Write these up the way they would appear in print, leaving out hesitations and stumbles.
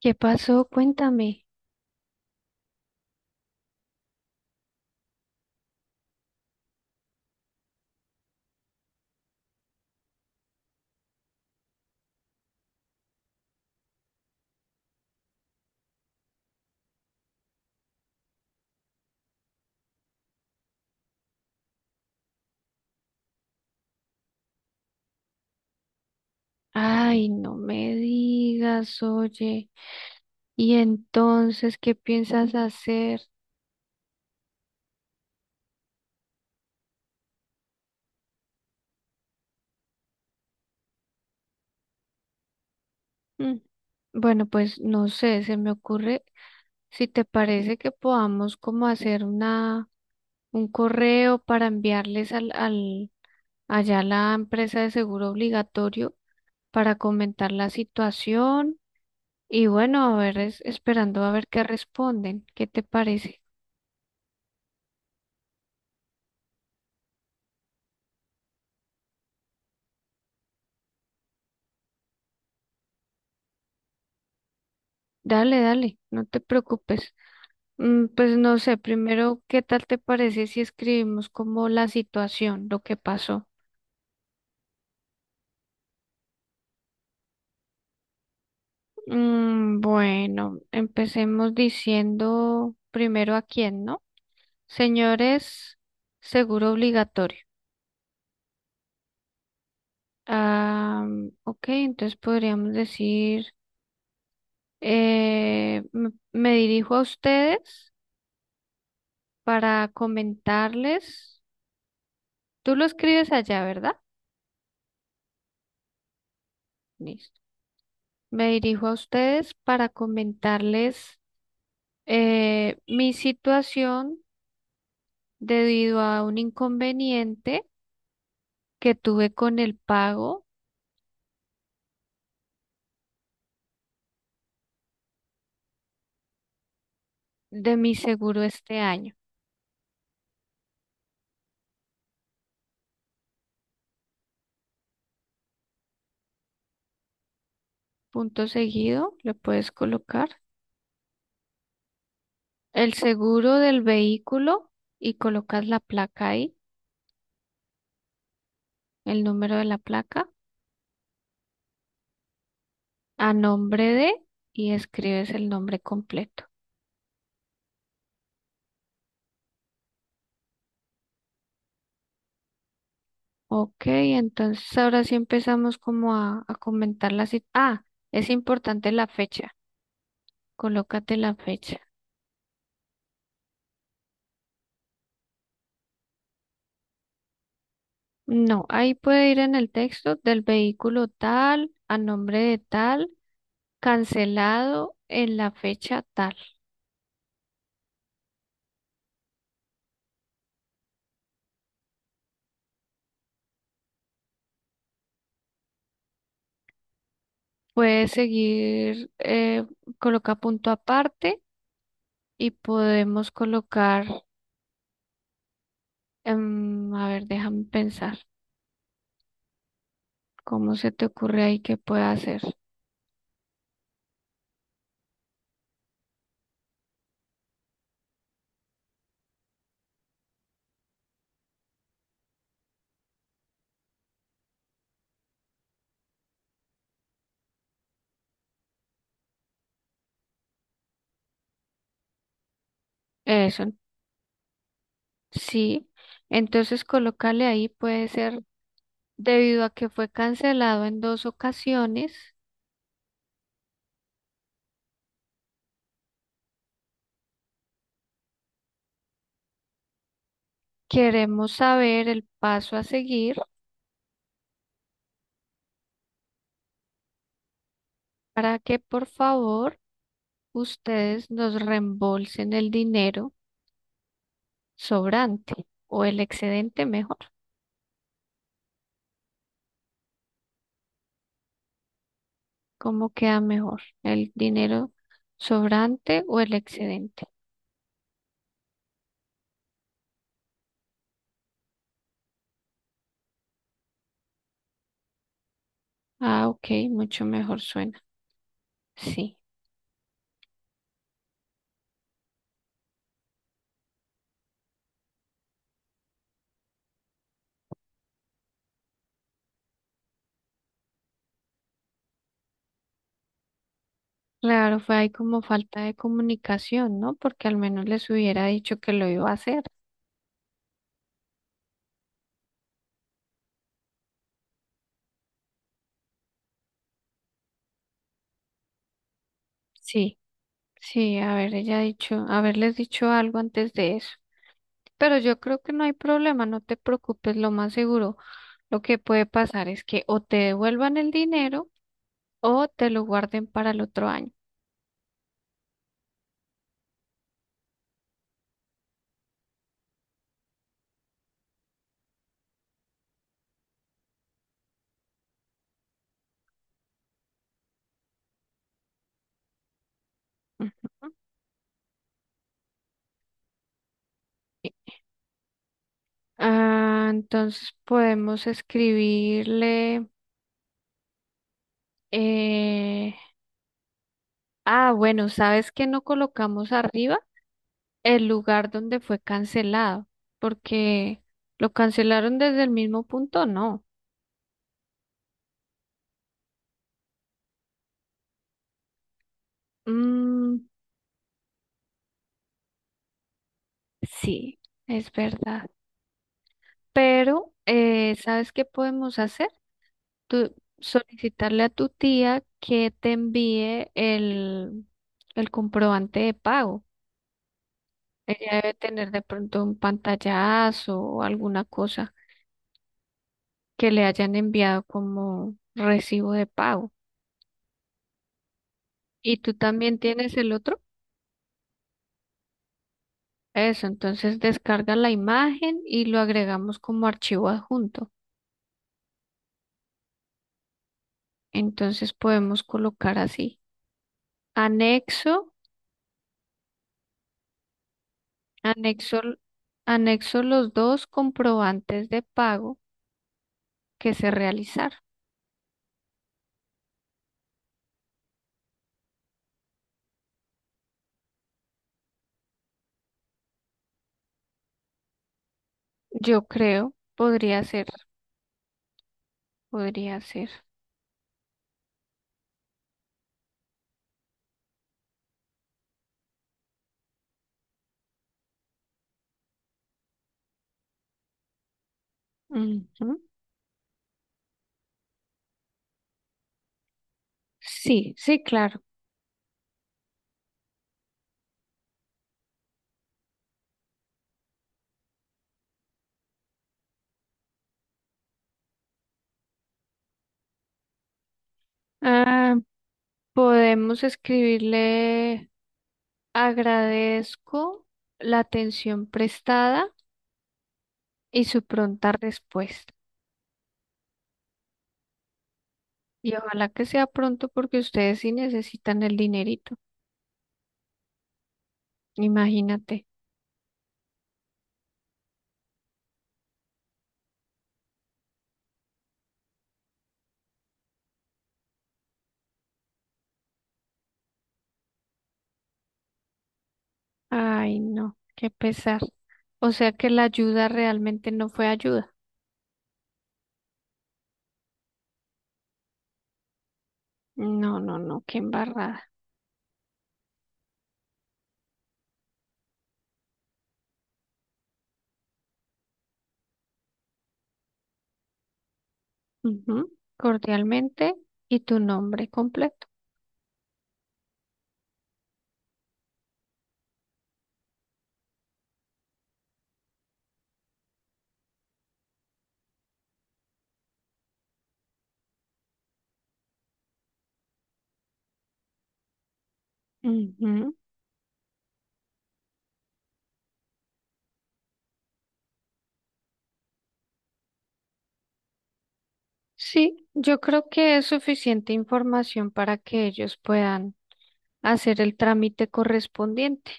¿Qué pasó? Cuéntame. Ay, no me digas, oye. ¿Y entonces qué piensas hacer? Mm, Bueno, pues no sé, se me ocurre si te parece que podamos como hacer una un correo para enviarles al, al allá a la empresa de seguro obligatorio para comentar la situación y bueno, a ver, esperando a ver qué responden. ¿Qué te parece? Dale, dale, no te preocupes. Pues no sé, primero, ¿qué tal te parece si escribimos como la situación, lo que pasó? Bueno, empecemos diciendo primero a quién, ¿no? Señores, seguro obligatorio. Ah, ok, entonces podríamos decir, me dirijo a ustedes para comentarles. Tú lo escribes allá, ¿verdad? Listo. Me dirijo a ustedes para comentarles mi situación debido a un inconveniente que tuve con el pago de mi seguro este año. Punto seguido, le puedes colocar el seguro del vehículo y colocas la placa ahí, el número de la placa, a nombre de y escribes el nombre completo. Ok, entonces ahora sí empezamos como a comentar la cita. Ah, es importante la fecha. Colócate la fecha. No, ahí puede ir en el texto del vehículo tal, a nombre de tal, cancelado en la fecha tal. Puede seguir, coloca punto aparte y podemos colocar, a ver, déjame pensar, ¿cómo se te ocurre ahí que pueda hacer? Eso, sí. Entonces, colócale ahí, puede ser, debido a que fue cancelado en dos ocasiones, queremos saber el paso a seguir para que por favor ustedes nos reembolsen el dinero sobrante o el excedente mejor. ¿Cómo queda mejor? ¿El dinero sobrante o el excedente? Ah, ok, mucho mejor suena. Sí. Claro, fue ahí como falta de comunicación, ¿no? Porque al menos les hubiera dicho que lo iba a hacer. Sí, sí, haber ella dicho, haberles dicho algo antes de eso. Pero yo creo que no hay problema, no te preocupes, lo más seguro. Lo que puede pasar es que o te devuelvan el dinero o te lo guarden para el otro año. Ujú. Ah, entonces podemos escribirle. eh, Ah, bueno, ¿sabes que no colocamos arriba el lugar donde fue cancelado? Porque lo cancelaron desde el mismo punto, no. Mm, sí, es verdad. Pero, ¿sabes qué podemos hacer? Tú solicitarle a tu tía que te envíe el comprobante de pago. Ella debe tener de pronto un pantallazo o alguna cosa que le hayan enviado como recibo de pago. ¿Y tú también tienes el otro? Eso, entonces descarga la imagen y lo agregamos como archivo adjunto. Entonces podemos colocar así. Anexo, anexo, anexo los dos comprobantes de pago que se realizaron. Yo creo, podría ser, podría ser. Ujú. Sí, sí, claro. Ah, podemos escribirle agradezco la atención prestada y su pronta respuesta. Y ojalá que sea pronto porque ustedes sí necesitan el dinerito. Imagínate. Ay, no, qué pesar. O sea que la ayuda realmente no fue ayuda. No, no, no, qué embarrada. Ujú. Cordialmente y tu nombre completo. Ujú. Sí, yo creo que es suficiente información para que ellos puedan hacer el trámite correspondiente.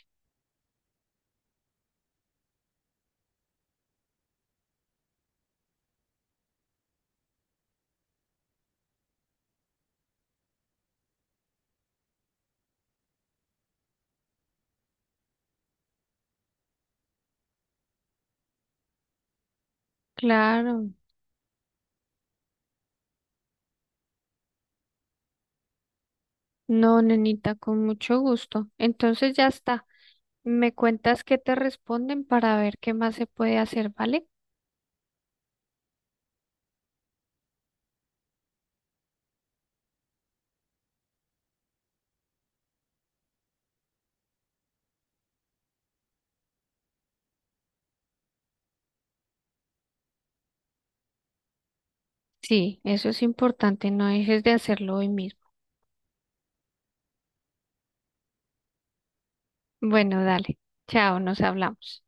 Claro, no, nenita, con mucho gusto. Entonces ya está. Me cuentas qué te responden para ver qué más se puede hacer, ¿vale? Sí, eso es importante. No dejes de hacerlo hoy mismo. Bueno, dale. Chao, nos hablamos.